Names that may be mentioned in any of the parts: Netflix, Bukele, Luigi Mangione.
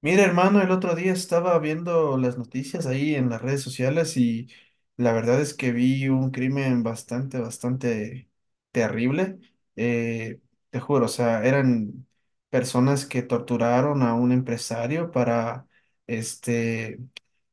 Mira, hermano, el otro día estaba viendo las noticias ahí en las redes sociales y la verdad es que vi un crimen bastante, bastante terrible. Eh, Te juro, o sea, eran personas que torturaron a un empresario para este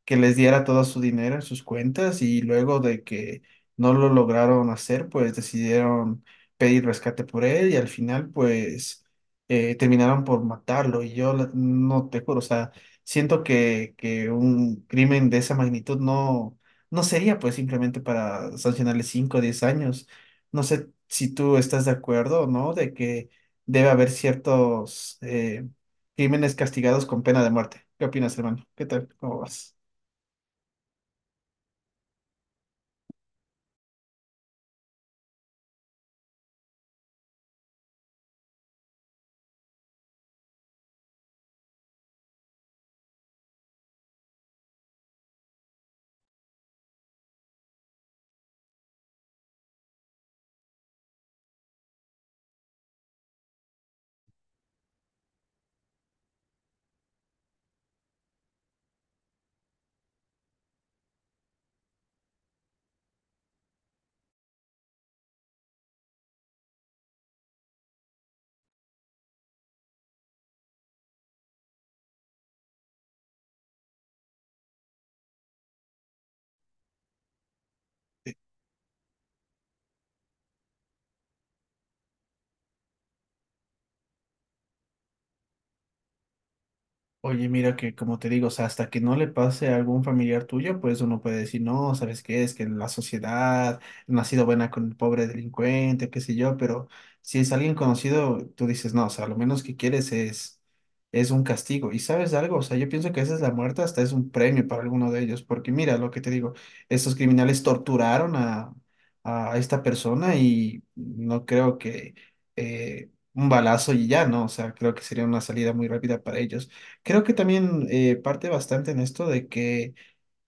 que les diera todo su dinero en sus cuentas y luego de que no lo lograron hacer, pues decidieron pedir rescate por él y al final, pues terminaron por matarlo y no te juro, o sea, siento que un crimen de esa magnitud no sería pues simplemente para sancionarle 5 o 10 años. No sé si tú estás de acuerdo o no de que debe haber ciertos crímenes castigados con pena de muerte. ¿Qué opinas, hermano? ¿Qué tal? ¿Cómo vas? Oye, mira que como te digo, o sea, hasta que no le pase a algún familiar tuyo, pues uno puede decir, no, ¿sabes qué? Es que en la sociedad no ha sido buena con el pobre delincuente, qué sé yo, pero si es alguien conocido, tú dices, no, o sea, lo menos que quieres es un castigo. ¿Y sabes algo? O sea, yo pienso que esa es la muerte, hasta es un premio para alguno de ellos, porque mira lo que te digo, estos criminales torturaron a esta persona y no creo que un balazo y ya, ¿no? O sea, creo que sería una salida muy rápida para ellos. Creo que también parte bastante en esto de que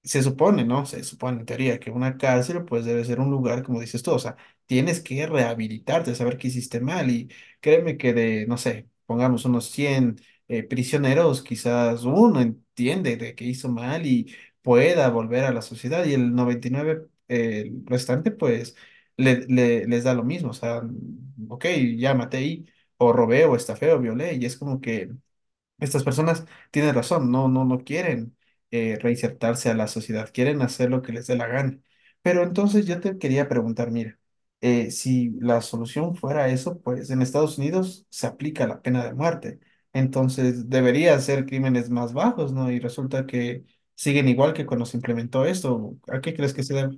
se supone, ¿no? Se supone en teoría que una cárcel pues debe ser un lugar, como dices tú, o sea, tienes que rehabilitarte, saber qué hiciste mal y créeme que de, no sé, pongamos unos 100 prisioneros, quizás uno entiende de que hizo mal y pueda volver a la sociedad y el 99, el restante pues les da lo mismo, o sea, ok, ya maté y o robé o estafé o violé y es como que estas personas tienen razón, no quieren reinsertarse a la sociedad, quieren hacer lo que les dé la gana. Pero entonces yo te quería preguntar, mira, si la solución fuera eso, pues en Estados Unidos se aplica la pena de muerte. Entonces debería ser crímenes más bajos, ¿no? Y resulta que siguen igual que cuando se implementó esto. ¿A qué crees que se debe?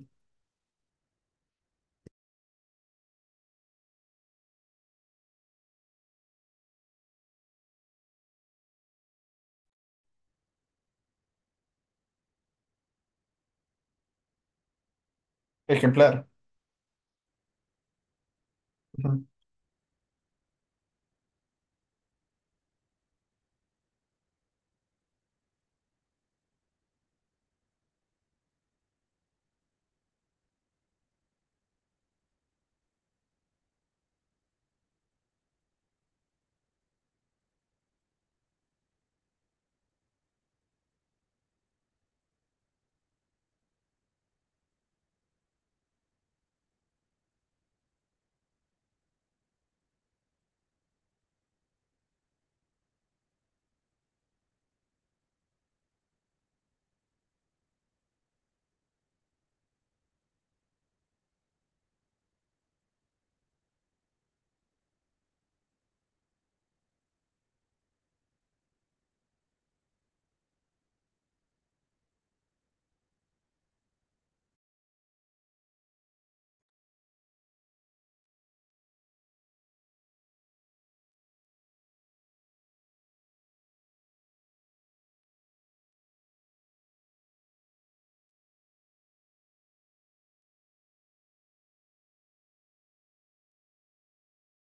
Ejemplar. Ujú.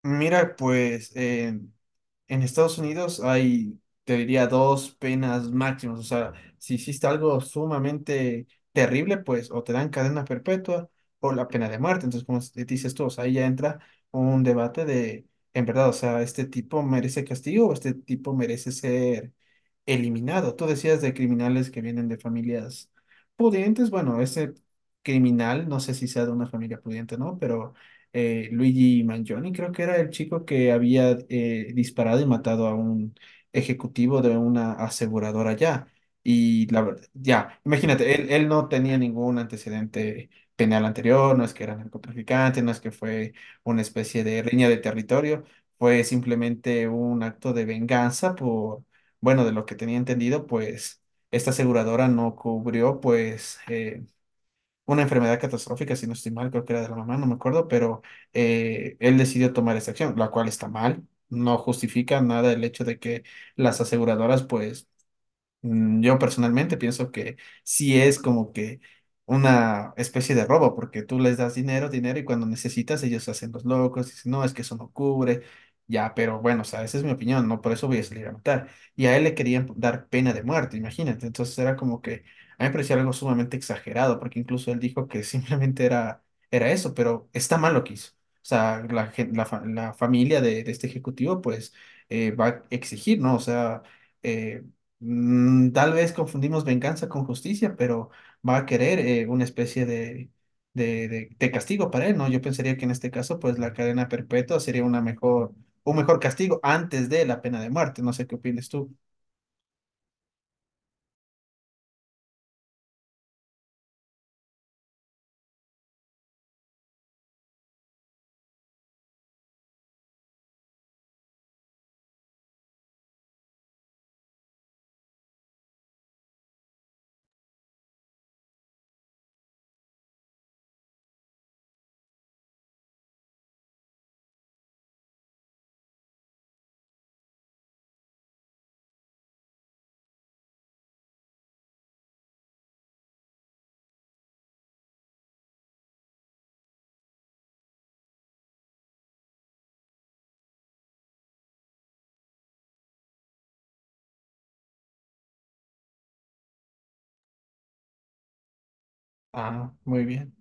Mira, pues... en Estados Unidos hay, te diría, dos penas máximas. O sea, si hiciste algo sumamente terrible, pues o te dan cadena perpetua o la pena de muerte. Entonces, dices tú, o sea, ahí ya entra un debate de, en verdad, o sea, este tipo merece castigo o este tipo merece ser eliminado. Tú decías de criminales que vienen de familias pudientes. Bueno, ese criminal, no sé si sea de una familia pudiente o no, pero Luigi Mangione creo que era el chico que había disparado y matado a un ejecutivo de una aseguradora ya. Y la verdad, ya, imagínate, él no tenía ningún antecedente penal anterior, no es que era narcotraficante, no es que fue una especie de riña de territorio, fue simplemente un acto de venganza por bueno, de lo que tenía entendido, pues esta aseguradora no cubrió pues una enfermedad catastrófica, si no estoy mal, creo que era de la mamá, no me acuerdo, pero él decidió tomar esta acción, la cual está mal. No justifica nada el hecho de que las aseguradoras pues yo personalmente pienso que sí es como que una especie de robo, porque tú les das dinero, dinero, y cuando necesitas ellos se hacen los locos, dicen, no, es que eso no cubre, ya, pero bueno, o sea, esa es mi opinión, no por eso voy a salir a matar. Y a él le querían dar pena de muerte, imagínate, entonces era como que, a mí me parecía algo sumamente exagerado, porque incluso él dijo que simplemente era eso, pero está mal lo que hizo. O sea, la, gen- la, fa- la familia de este ejecutivo, pues, va a exigir, ¿no? O sea... eh, tal vez confundimos venganza con justicia, pero va a querer una especie de castigo para él, ¿no? Yo pensaría que en este caso, pues la cadena perpetua sería un mejor castigo antes de la pena de muerte. No sé qué opinas tú. Ah, muy bien.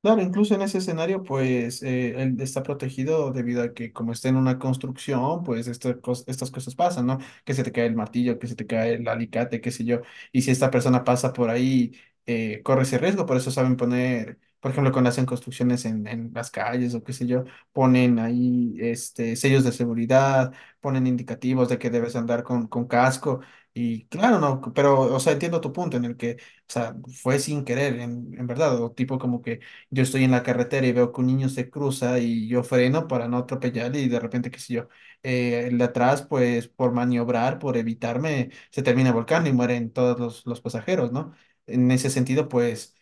Claro, incluso en ese escenario, pues él está protegido debido a que como está en una construcción, pues estas cosas pasan, ¿no? Que se te cae el martillo, que se te cae el alicate, qué sé yo. Y si esta persona pasa por ahí, corre ese riesgo. Por eso saben poner, por ejemplo, cuando hacen construcciones en las calles o qué sé yo, ponen ahí sellos de seguridad, ponen indicativos de que debes andar con casco. Y claro, no, pero, o sea, entiendo tu punto en el que, o sea, fue sin querer, en verdad, o tipo como que yo estoy en la carretera y veo que un niño se cruza y yo freno para no atropellar y de repente, qué sé yo, el de atrás, pues por maniobrar, por evitarme, se termina volcando y mueren todos los pasajeros, ¿no? En ese sentido, pues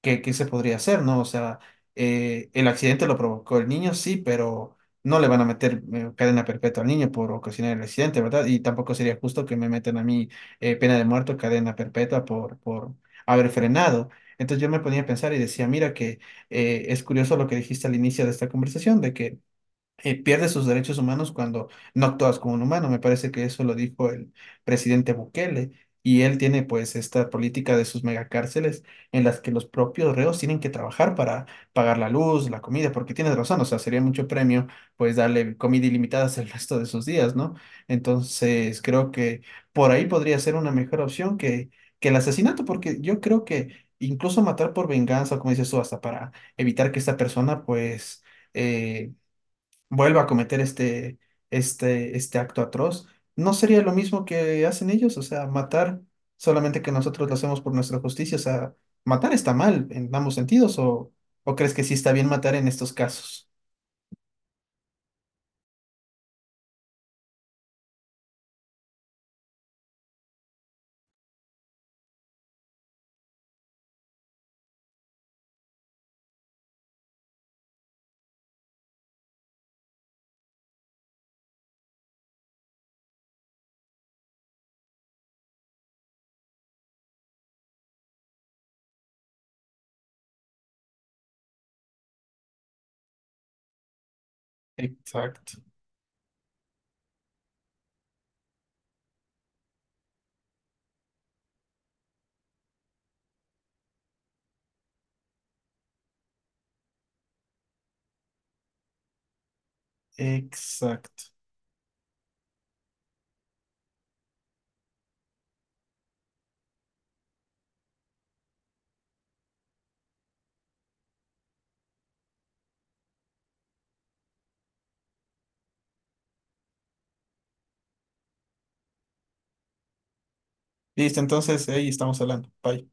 ¿qué se podría hacer, ¿no? O sea, el accidente lo provocó el niño, sí, pero no le van a meter cadena perpetua al niño por ocasionar el accidente, ¿verdad? Y tampoco sería justo que me metan a mí pena de muerte o cadena perpetua por haber frenado. Entonces yo me ponía a pensar y decía, mira que es curioso lo que dijiste al inicio de esta conversación, de que pierde sus derechos humanos cuando no actúas como un humano. Me parece que eso lo dijo el presidente Bukele. Y él tiene pues esta política de sus megacárceles en las que los propios reos tienen que trabajar para pagar la luz, la comida, porque tienes razón, o sea, sería mucho premio pues darle comida ilimitada el resto de sus días, ¿no? Entonces creo que por ahí podría ser una mejor opción que el asesinato, porque yo creo que incluso matar por venganza, como dices tú, hasta para evitar que esta persona pues... eh, vuelva a cometer este acto atroz, ¿no sería lo mismo que hacen ellos? O sea, matar, solamente que nosotros lo hacemos por nuestra justicia. O sea, matar está mal en ambos sentidos, o crees que sí está bien matar en estos casos? Exacto, exacto. Listo, entonces ahí estamos hablando. Bye.